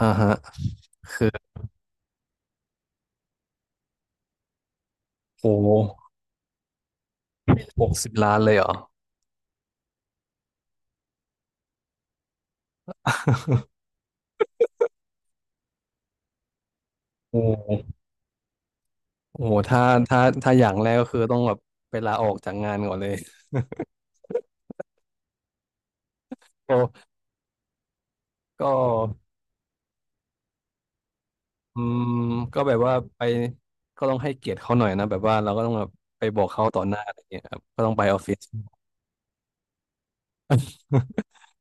อ่าฮะโอ้หกสิบล้านเลยเหรอโอ้โหถ้าอย่างแรกก็คือต้องแบบไปลาออกจากงานก่อนเลย ก็ก็อืมก็แบบว่าไปก็ต้องให้เกียรติเขาหน่อยนะแบบว่าเราก็ต้องแบบไปบอกเขาต่อหน้าอะไรเงี้ยครับก็ต้องไปออฟฟิศ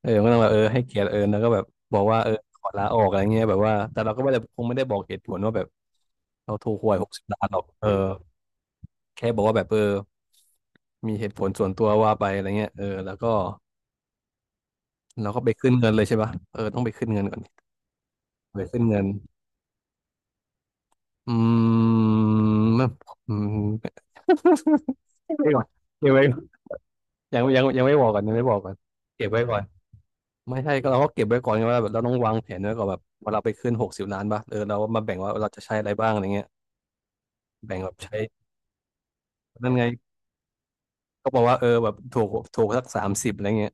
เออก็ต้องแบบเออให้เกียรติเออแล้วก็แบบบอกว่าเออขอลาออกอะไรเงี้ยแบบว่าแต่เราก็ไม่ได้คงไม่ได้บอกเหตุผลว่าแบบเราถูกหวยหกสิบล้านหรอกเออแค่บอกว่าแบบเออมีเหตุผลส่วนตัวว่าไปอะไรเงี้ยเออแล้วก็ แล้วก็ไปขึ้นเงินเลยใช่ปะเออ ต้องไปขึ้นเงินก่อนไปขึ้นเงินอืม ไม่อืม เก็บไว้ก่อน เก็บไว้ก่อนยังไม่บอกก่อนยังไม่บอกก่อนเก็บไว้ก่อนไม่ใช่ก็เราเก็บไว้ก่อนไงว่าแบบเราต้องวางแผนไว้ก่อนแบบว่าเราไปขึ้นหกสิบล้านป่ะเออเรามาแบ่งว่าเราจะใช้อะไรบ้างอะไรเงี้ย แบ่งแบบใช้นั่นไงก็บอกว่าเออแบบถูกสักสามสิบอะไรเงี้ย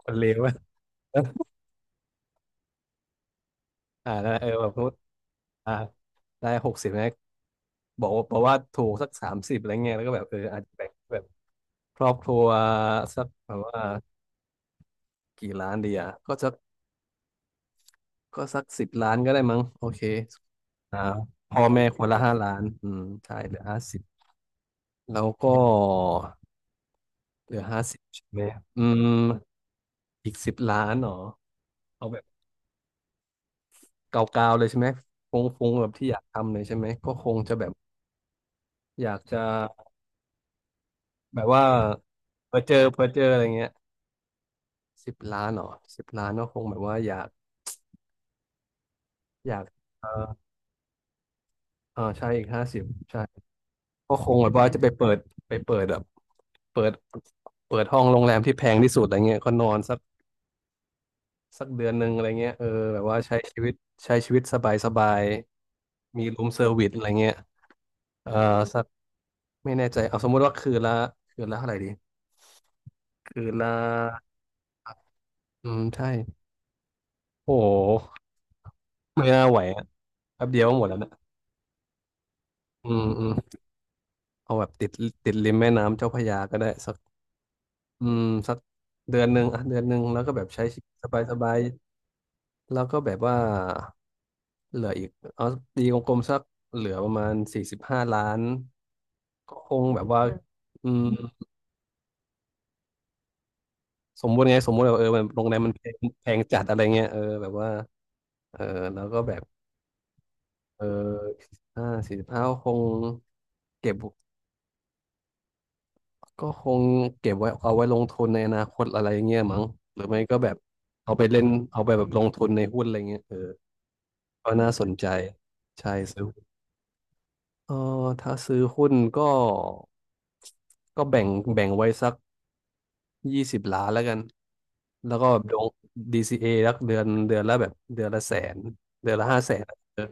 คนเลวอะ อ่านั่นแหละเออแบบพูดอ่าได้หกสิบนะบอกว่าถูกสักสามสิบอะไรเงี้ยแล้วก็แบบเอออาจจะแบ่ง ครอบครัวสักแบบว่ากี่ล้านดีอ่ะก็สักสิบล้านก็ได้มั้งโอเคอ่าพ่อแม่คนละห้าล้านอืมใช่เหลือห้าสิบแล้วก็เหลือห้าสิบใช่ไหมอืมอีกสิบล้านเหรอเอาแบบเกาๆเลยใช่ไหมฟงฟงแบบที่อยากทำเลยใช่ไหมก็คงจะแบบอยากจะแบบว่าเผื่อเจออะไรเงี้ยสิบล้านเหรอสิบล้านก็คงแบบว่าอยากเออเออใช่อีกห้าสิบใช่ ก็คงแบบว่าจะไปเปิดไปเปิดแบบเปิดเปิดห้องโรงแรมที่แพงที่สุดอะไรเงี้ยก็นอนสักเดือนหนึ่งอะไรเงี้ยเออแบบว่าใช้ชีวิตสบายสบายมีรูมเซอร์วิสอะไรเงี้ยเออสักไม่แน่ใจเอาสมมุติว่าคืนละเท่าไหร่ดีคืนละอืมใช่โอ้โหไม่น่าไหวอะแป๊บเดียวก็หมดแล้วนะอืมอืมเอาแบบติดริมแม่น้ำเจ้าพระยาก็ได้สักอืมสักเดือนหนึ่งแล้วก็แบบใช้ชีวิตสบายสบาย แล้วก็แบบว่าเหลืออีกเอาตีกลมๆสักเหลือประมาณสี่สิบห้าล้านก็คงแบบว่าอืมสมมุติไงสมมติแบบเออโรงแรมมันแพงแพงจัดอะไรเงี้ยเออแบบว่าเออแล้วก็แบบเออห้าสี่สิบห้าคงเก็บก็คงเก็บไว้เอาไว้ลงทุนในอนาคตอะไรเงี้ยมั้งหรือไม่ก็แบบเอาไปเล่นเอาไปแบบลงทุนในหุ้นอะไรเงี้ยเออก็น่าสนใจใช่ซื้อ เออถ้าซื้อหุ้นก็ก็แบ่งไว้สักยี่สิบล้านแล้วกันแล้วก็ลงดีซีเอรักเดือนละแสนเดือนละห้าแสนเออ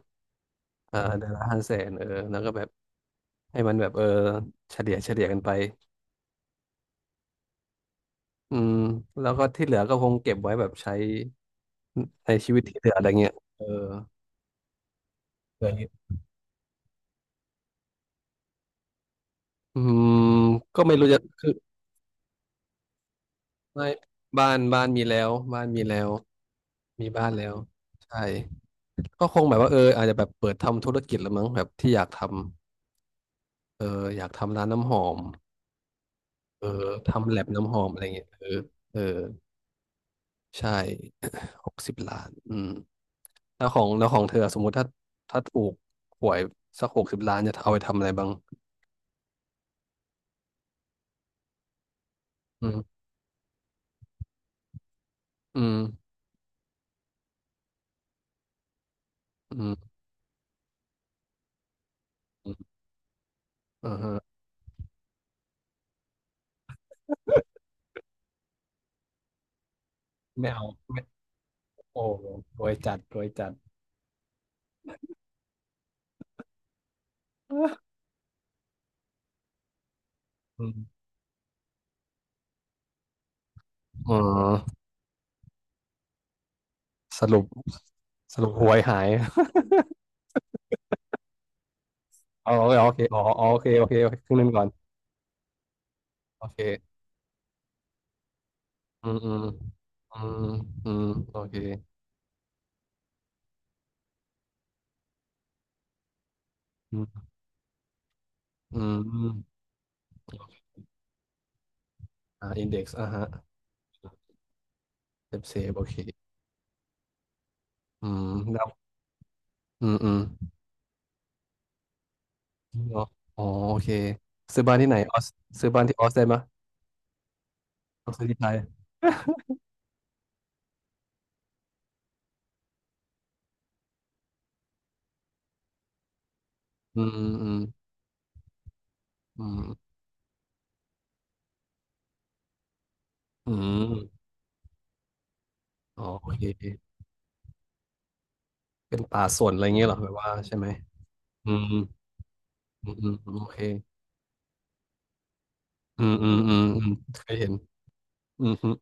เออเดือนละห้าแสนเออแล้วก็แบบให้มันแบบเออเฉลี่ยกันไปอืมแล้วก็ที่เหลือก็คงเก็บไว้แบบใช้ชีวิตที่เหลืออะไรเงี้ยเออเหลือนิดอืมก็ไม่รู้จะคือไม่บ้านมีแล้วบ้านมีแล้วมีบ้านแล้วใช่ ก็คงแบบว่าเอออาจจะแบบเปิดทำธุรกิจละมั้งแบบที่อยากทำเอออยากทำร้านน้ำหอมเออทำแลบน้ำหอมอะไรเงี้ยเออเออใช่ หกสิบล้านอืมแล้วของเธอสมมุติถ้าถ้าถูกหวยสักหกสิบล้านจะเอาไปทำอะไรบ้างอืมอืมอืมอืมอ่าฮะไม่เอาไม่โอ้รวยจัดรวยจัด อืมอ๋อสรุปสรุปหวยหาย เอาโอเคอ๋ออ๋อโอเคโอเคโอเคครึ่งหนึงก่อนโอเค อืมอืมอืมอืมโอเคอืมอืมอ่าอินเด็กซ์อ่ะฮะเซฟเซฟโอเคอืมแล้วอืมอืมเนาะอ๋อโอเคซื้อบ้านที่ไหนออสซื้อบ้านที่ออสได้ไหมยต้องซื้อที่ไทยอืมอืมอืมอืมอ๋อโอเคเป็นป่าสนอะไรเงี้ยเหรอแบบว่าใช่ไหมอืมอืมอืมโอเคอืมอืมอืมอืมเคยเห็นอืมอืม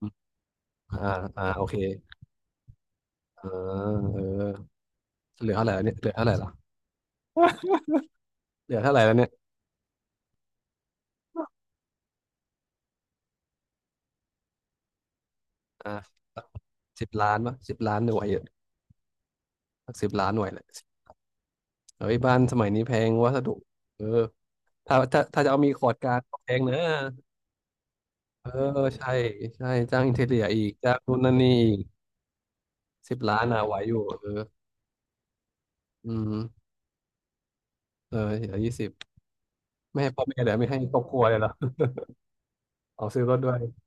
อมอ่าอ่าโอเคอ่าเออเหลือเท่าไหร่แล้วเนี่ยเหลือเท่าไหร่ละเหลือเท่าไหร่แล้วเนี่ย อ่า10 ล้านป่ะสิบล้านหน่วยเยอะสิบล้านหน่วยเลยเฮ้ยบ้านสมัยนี้แพงวัสดุเออถ้าจะเอามีคอร์ดการ์ดก็แพงนะเออใช่ใช่จ้างอินเทเรียอีกจ้างนู่นนั่นนี่อีกสิบล้านอ่ะไหวอยู่เอออืมเออเหลือ20ไม่ให้พ่อแม่เหลือไม่ให้ครอบครัวเลยเหรอ เอาซื้อรถด้วย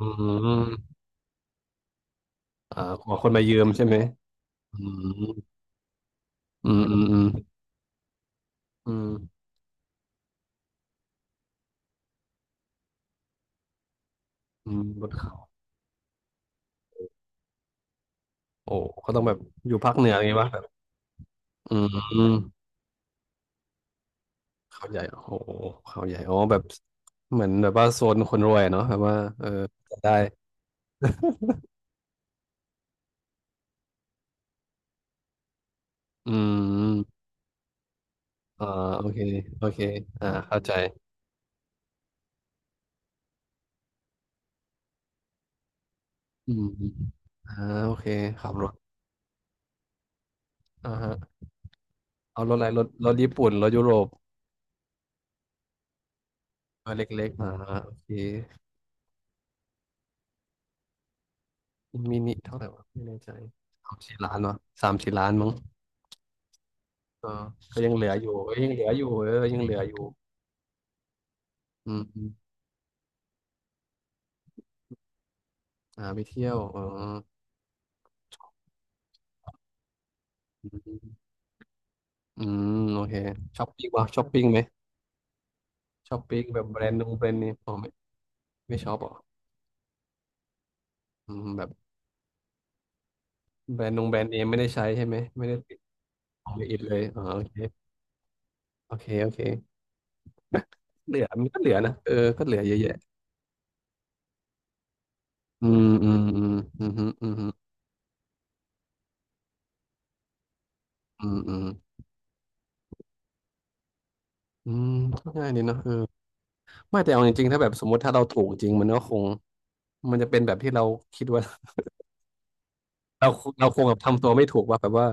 อืมอ่าขอคนมายืมใช่ไหมอืมอืมอืมอืมอืมอืมบนเขาโอ้เขาต้องแบบอยู่ภาคเหนืออย่างงี้ป่ะแบบอืม เขาใหญ่โอ้โหเขาใหญ่อ๋อแบบเหมือนแบบว่าโซนคนรวยเนาะแบบว่าเออจะได้อืมอ่าโอเคโอเคอ่าเข้าใจอืมอ่าโอเคขับรถอ่าฮะเอารถอะไรรถญี่ปุ่นรถยุโรปรถเล็กๆอ่าโอเคมินิเท่าไหร่วะไม่แน่ใจสามสี่ล้านวะสามสี่ล้านมั้งเออก็ยังเหลืออยู่เอ้ยยังเหลืออยู่เออยังเหลืออยู่อืมอมอ่าไปเที่ยวอ๋ออืมอืมโอเคช้อปปิ้งวะช้อปปิ้งไหม ชอบปิ๊กแบบแบรนด์นงแบรนด์เนมอ๋อไม่ไม่ชอบเหรออืมแบบแบรนด์นงแบรนด์เนมไม่ได้ใช้ใช่ไหมไม่ได้ติดไม่อิดเลยอ๋อโอเคโอเคโอเคเหลือมันก็เหลือนะเออก็เหลือเยอะแยะอืมอืมอืมอืมอืมอืมอืมอืมก็ง่ายดีเนาะเออไม่แต่เอาจริงๆถ้าแบบสมมติถ้าเราถูกจริงมันก็คงมันจะเป็นแบบที่เราคิดว่า เราเราคงแบบทำตัวไม่ถูกว่าแบบว่า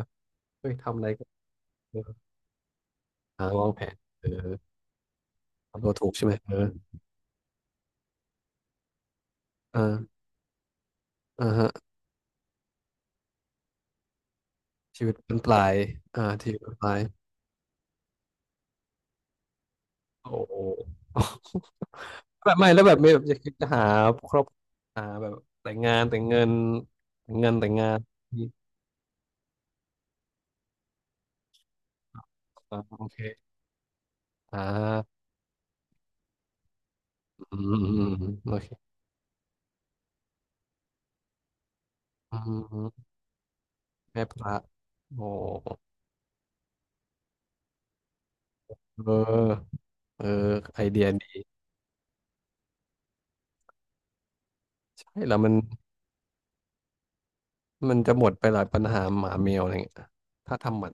เฮ้ยทำอะไรก็เออหาวางแผนเออทำตัวถูกใช่ไหมเอออ่าอ่าฮะชีวิตเป็นปลายอ่าชีวิตเป็นปลาย โอ้โห แบบไม่แล้วแบบไม่แบบจะคิดจะหาครอบหาแบบแต่งงานแต่งเงินแต่งเงินแต่งงานนี่อ่าโอเคอ่าอืมอืมอืมโอเคอืมอืมแม่พระโอ้เออเออไอเดียดีใช่แล้วมันมันจะหมดไปหลายปัญหาหมาแมวอะไรเงี้ยถ้าทำมัน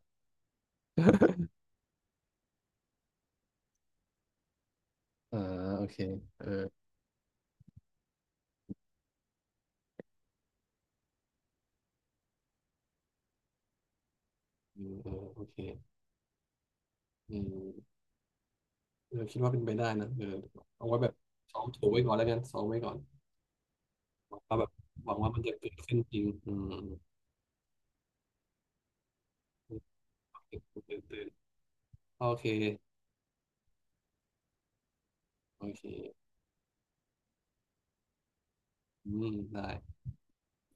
อ่าโอเคเอออืมอืมโอเคอืมเออคิดว่าเป็นไปได้นะเออเอาไว้แบบซ้อมถูไว้ก่อนแล้วกันซ้อมไว้ก่อน หวังว่าแบบหวังว่ามันจะเกิดขึ้นจริงอืมอืมตื่นตื่นโอเค โอเคอืมได้